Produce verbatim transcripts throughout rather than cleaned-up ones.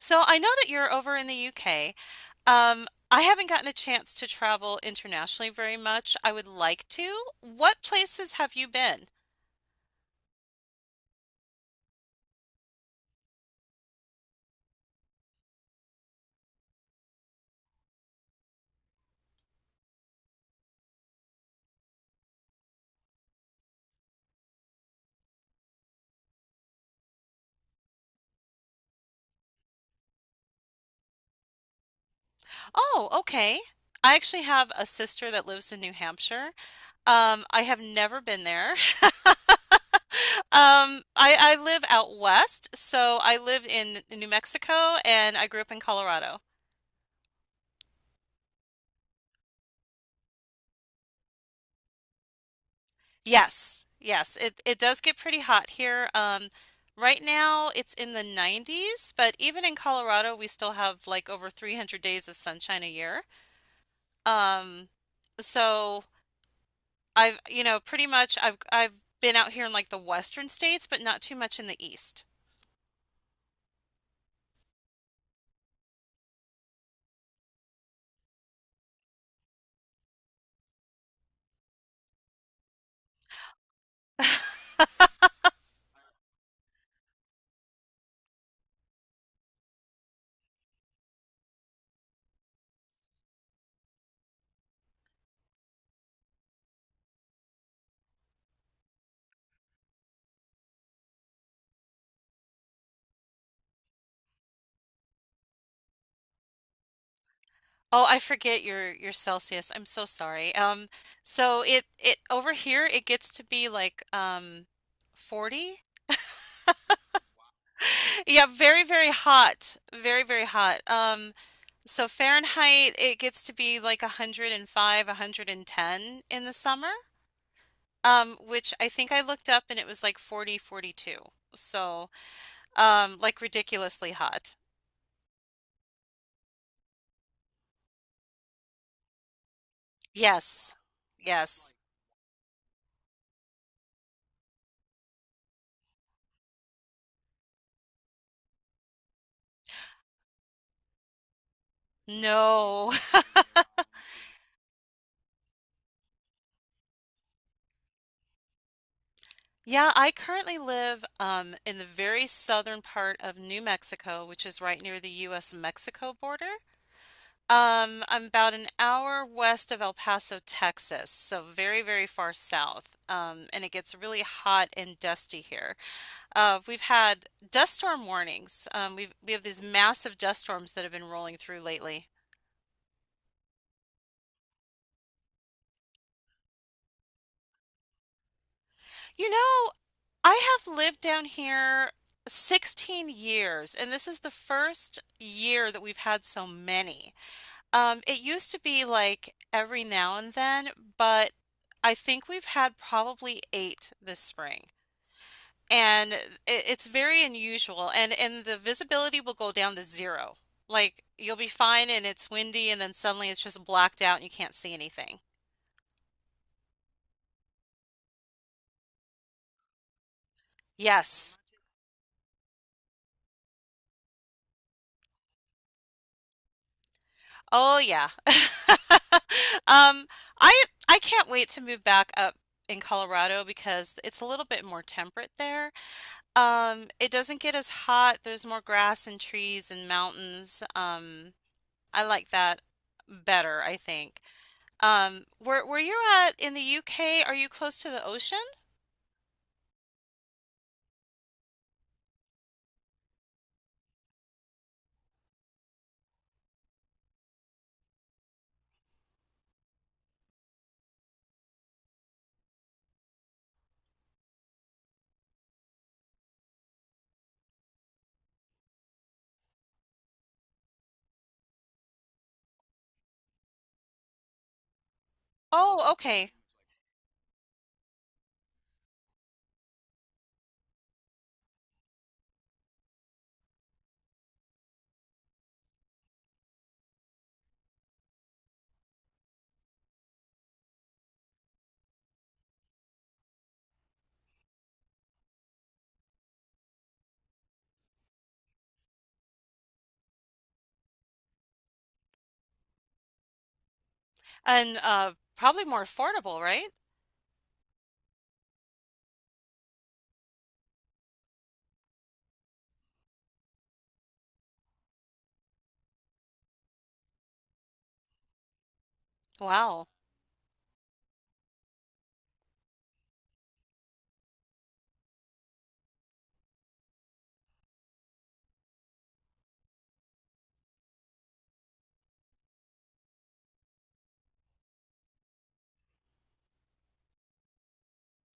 So I know that you're over in the U K. Um, I haven't gotten a chance to travel internationally very much. I would like to. What places have you been? Oh, okay. I actually have a sister that lives in New Hampshire. Um, I have never been there. Um, I, I live out west, so I lived in New Mexico and I grew up in Colorado. Yes, yes, it it does get pretty hot here. Um, right now it's in the nineties, but even in Colorado we still have like over three hundred days of sunshine a year. Um, so I've, you know, pretty much I've I've been out here in like the western states, but not too much in the east. Oh, I forget your your Celsius. I'm so sorry. Um, so it it over here it gets to be like um forty. Yeah, very, very hot. Very, very hot. Um So Fahrenheit, it gets to be like a hundred and five, a hundred and ten in the summer, um, which I think I looked up and it was like forty, forty two. So, um, like ridiculously hot. Yes. Yes. No. Yeah, I currently live um, in the very southern part of New Mexico, which is right near the U S-Mexico border. Um, I'm about an hour west of El Paso, Texas, so very, very far south. Um, and it gets really hot and dusty here. Uh, we've had dust storm warnings. Um, we've we have these massive dust storms that have been rolling through lately. You know, I have lived down here sixteen years, and this is the first year that we've had so many. Um, it used to be like every now and then, but I think we've had probably eight this spring. And it, it's very unusual and and the visibility will go down to zero. Like you'll be fine and it's windy and then suddenly it's just blacked out and you can't see anything. Yes. Oh yeah. Um, I I can't wait to move back up in Colorado because it's a little bit more temperate there. Um, it doesn't get as hot. There's more grass and trees and mountains. Um, I like that better, I think. Um, where where you're at in the U K, are you close to the ocean? Oh, okay. And uh probably more affordable, right? Wow.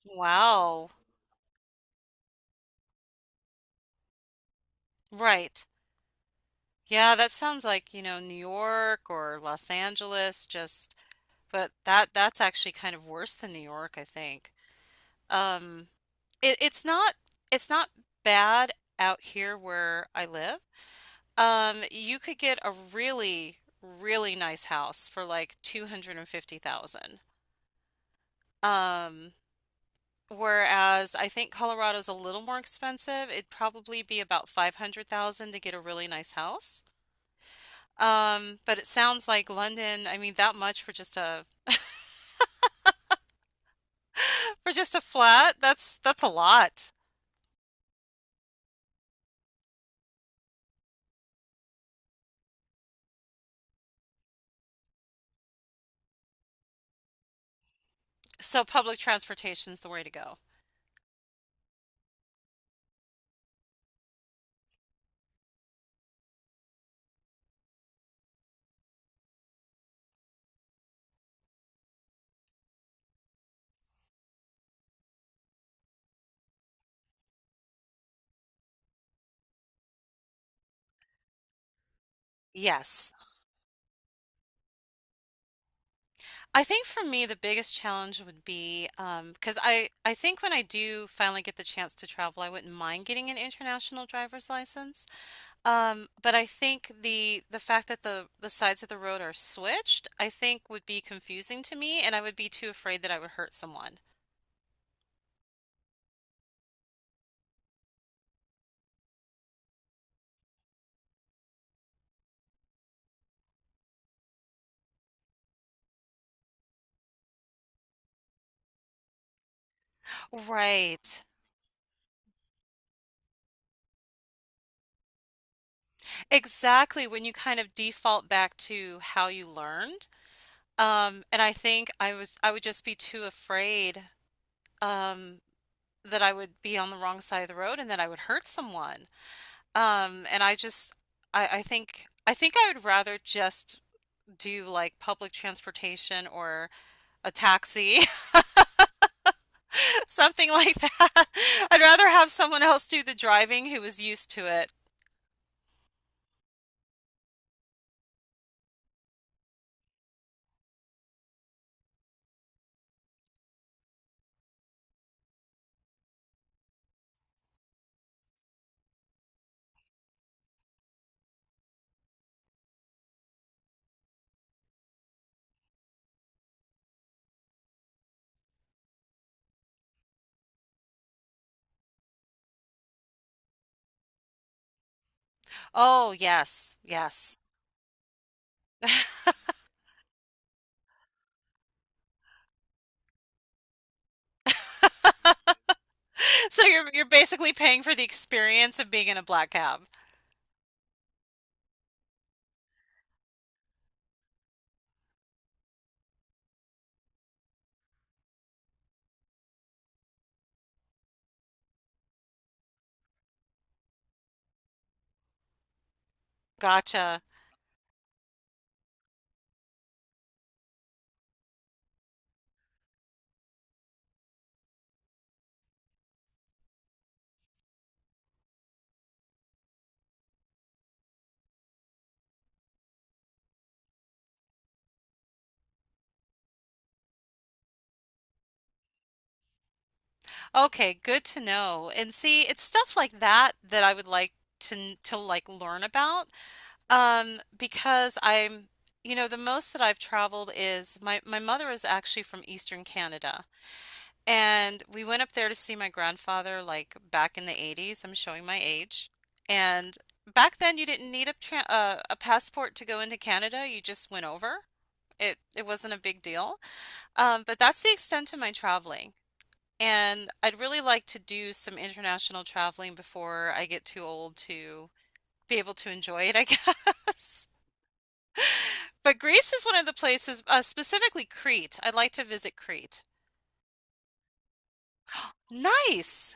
Wow. Right. Yeah, that sounds like, you know, New York or Los Angeles, just but that that's actually kind of worse than New York, I think. Um it, it's not it's not bad out here where I live. Um you could get a really really nice house for like two hundred fifty thousand. Um, Whereas I think Colorado's a little more expensive. It'd probably be about five hundred thousand to get a really nice house. Um, but it sounds like London, I mean that much for just a for just a flat, that's that's a lot. So public transportation's the way to go. Yes. I think for me the biggest challenge would be, um, cause I I think when I do finally get the chance to travel, I wouldn't mind getting an international driver's license. Um, but I think the the fact that the the sides of the road are switched, I think would be confusing to me, and I would be too afraid that I would hurt someone. Right. Exactly. When you kind of default back to how you learned. Um, and I think I was I would just be too afraid um that I would be on the wrong side of the road and that I would hurt someone. Um, and I just I, I think I think I would rather just do like public transportation or a taxi, something like that. I'd rather have someone else do the driving who is used to it. Oh, yes, yes. So you're you're basically paying for the experience of being in a black cab. Gotcha. Okay, good to know. And see, it's stuff like that that I would like to to like learn about. Um, because I'm, you know, the most that I've traveled is my my mother is actually from Eastern Canada. And we went up there to see my grandfather, like back in the eighties. I'm showing my age. And back then, you didn't need a tra- uh, a passport to go into Canada. You just went over. It it wasn't a big deal. Um, but that's the extent of my traveling. And I'd really like to do some international traveling before I get too old to be able to enjoy it, I guess. But Greece is one of the places, uh, specifically Crete. I'd like to visit Crete. Nice.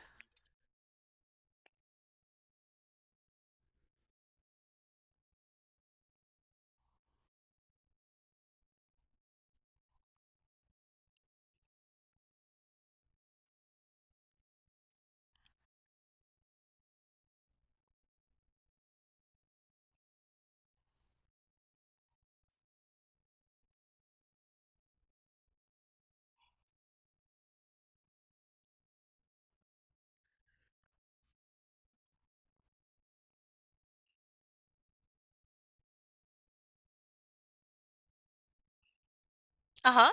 Uh-huh.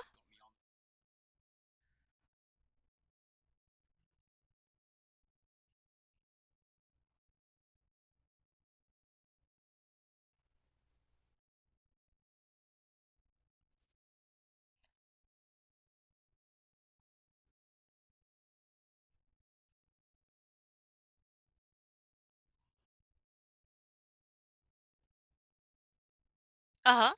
Uh-huh.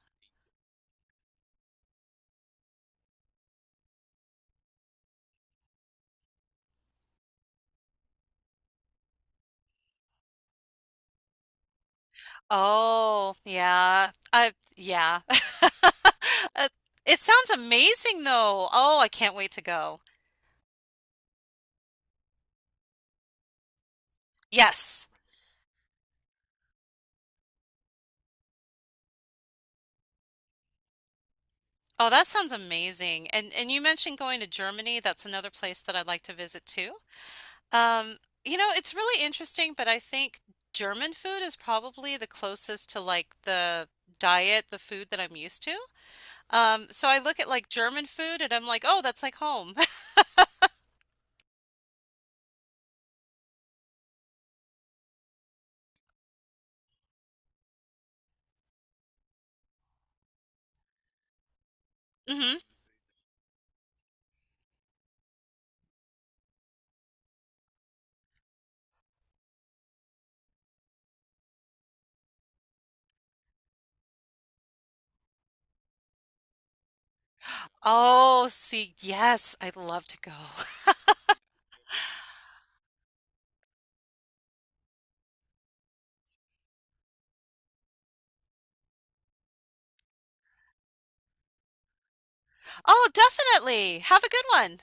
Oh, yeah. I yeah. Uh, It sounds amazing though. Oh, I can't wait to go. Yes. Oh, that sounds amazing. And and you mentioned going to Germany. That's another place that I'd like to visit too. Um, you know, it's really interesting, but I think German food is probably the closest to like the diet, the food that I'm used to. Um, so I look at like German food and I'm like, "Oh, that's like home." Hmm. Oh, see, yes, I'd love to go. Oh, definitely. Have a good one.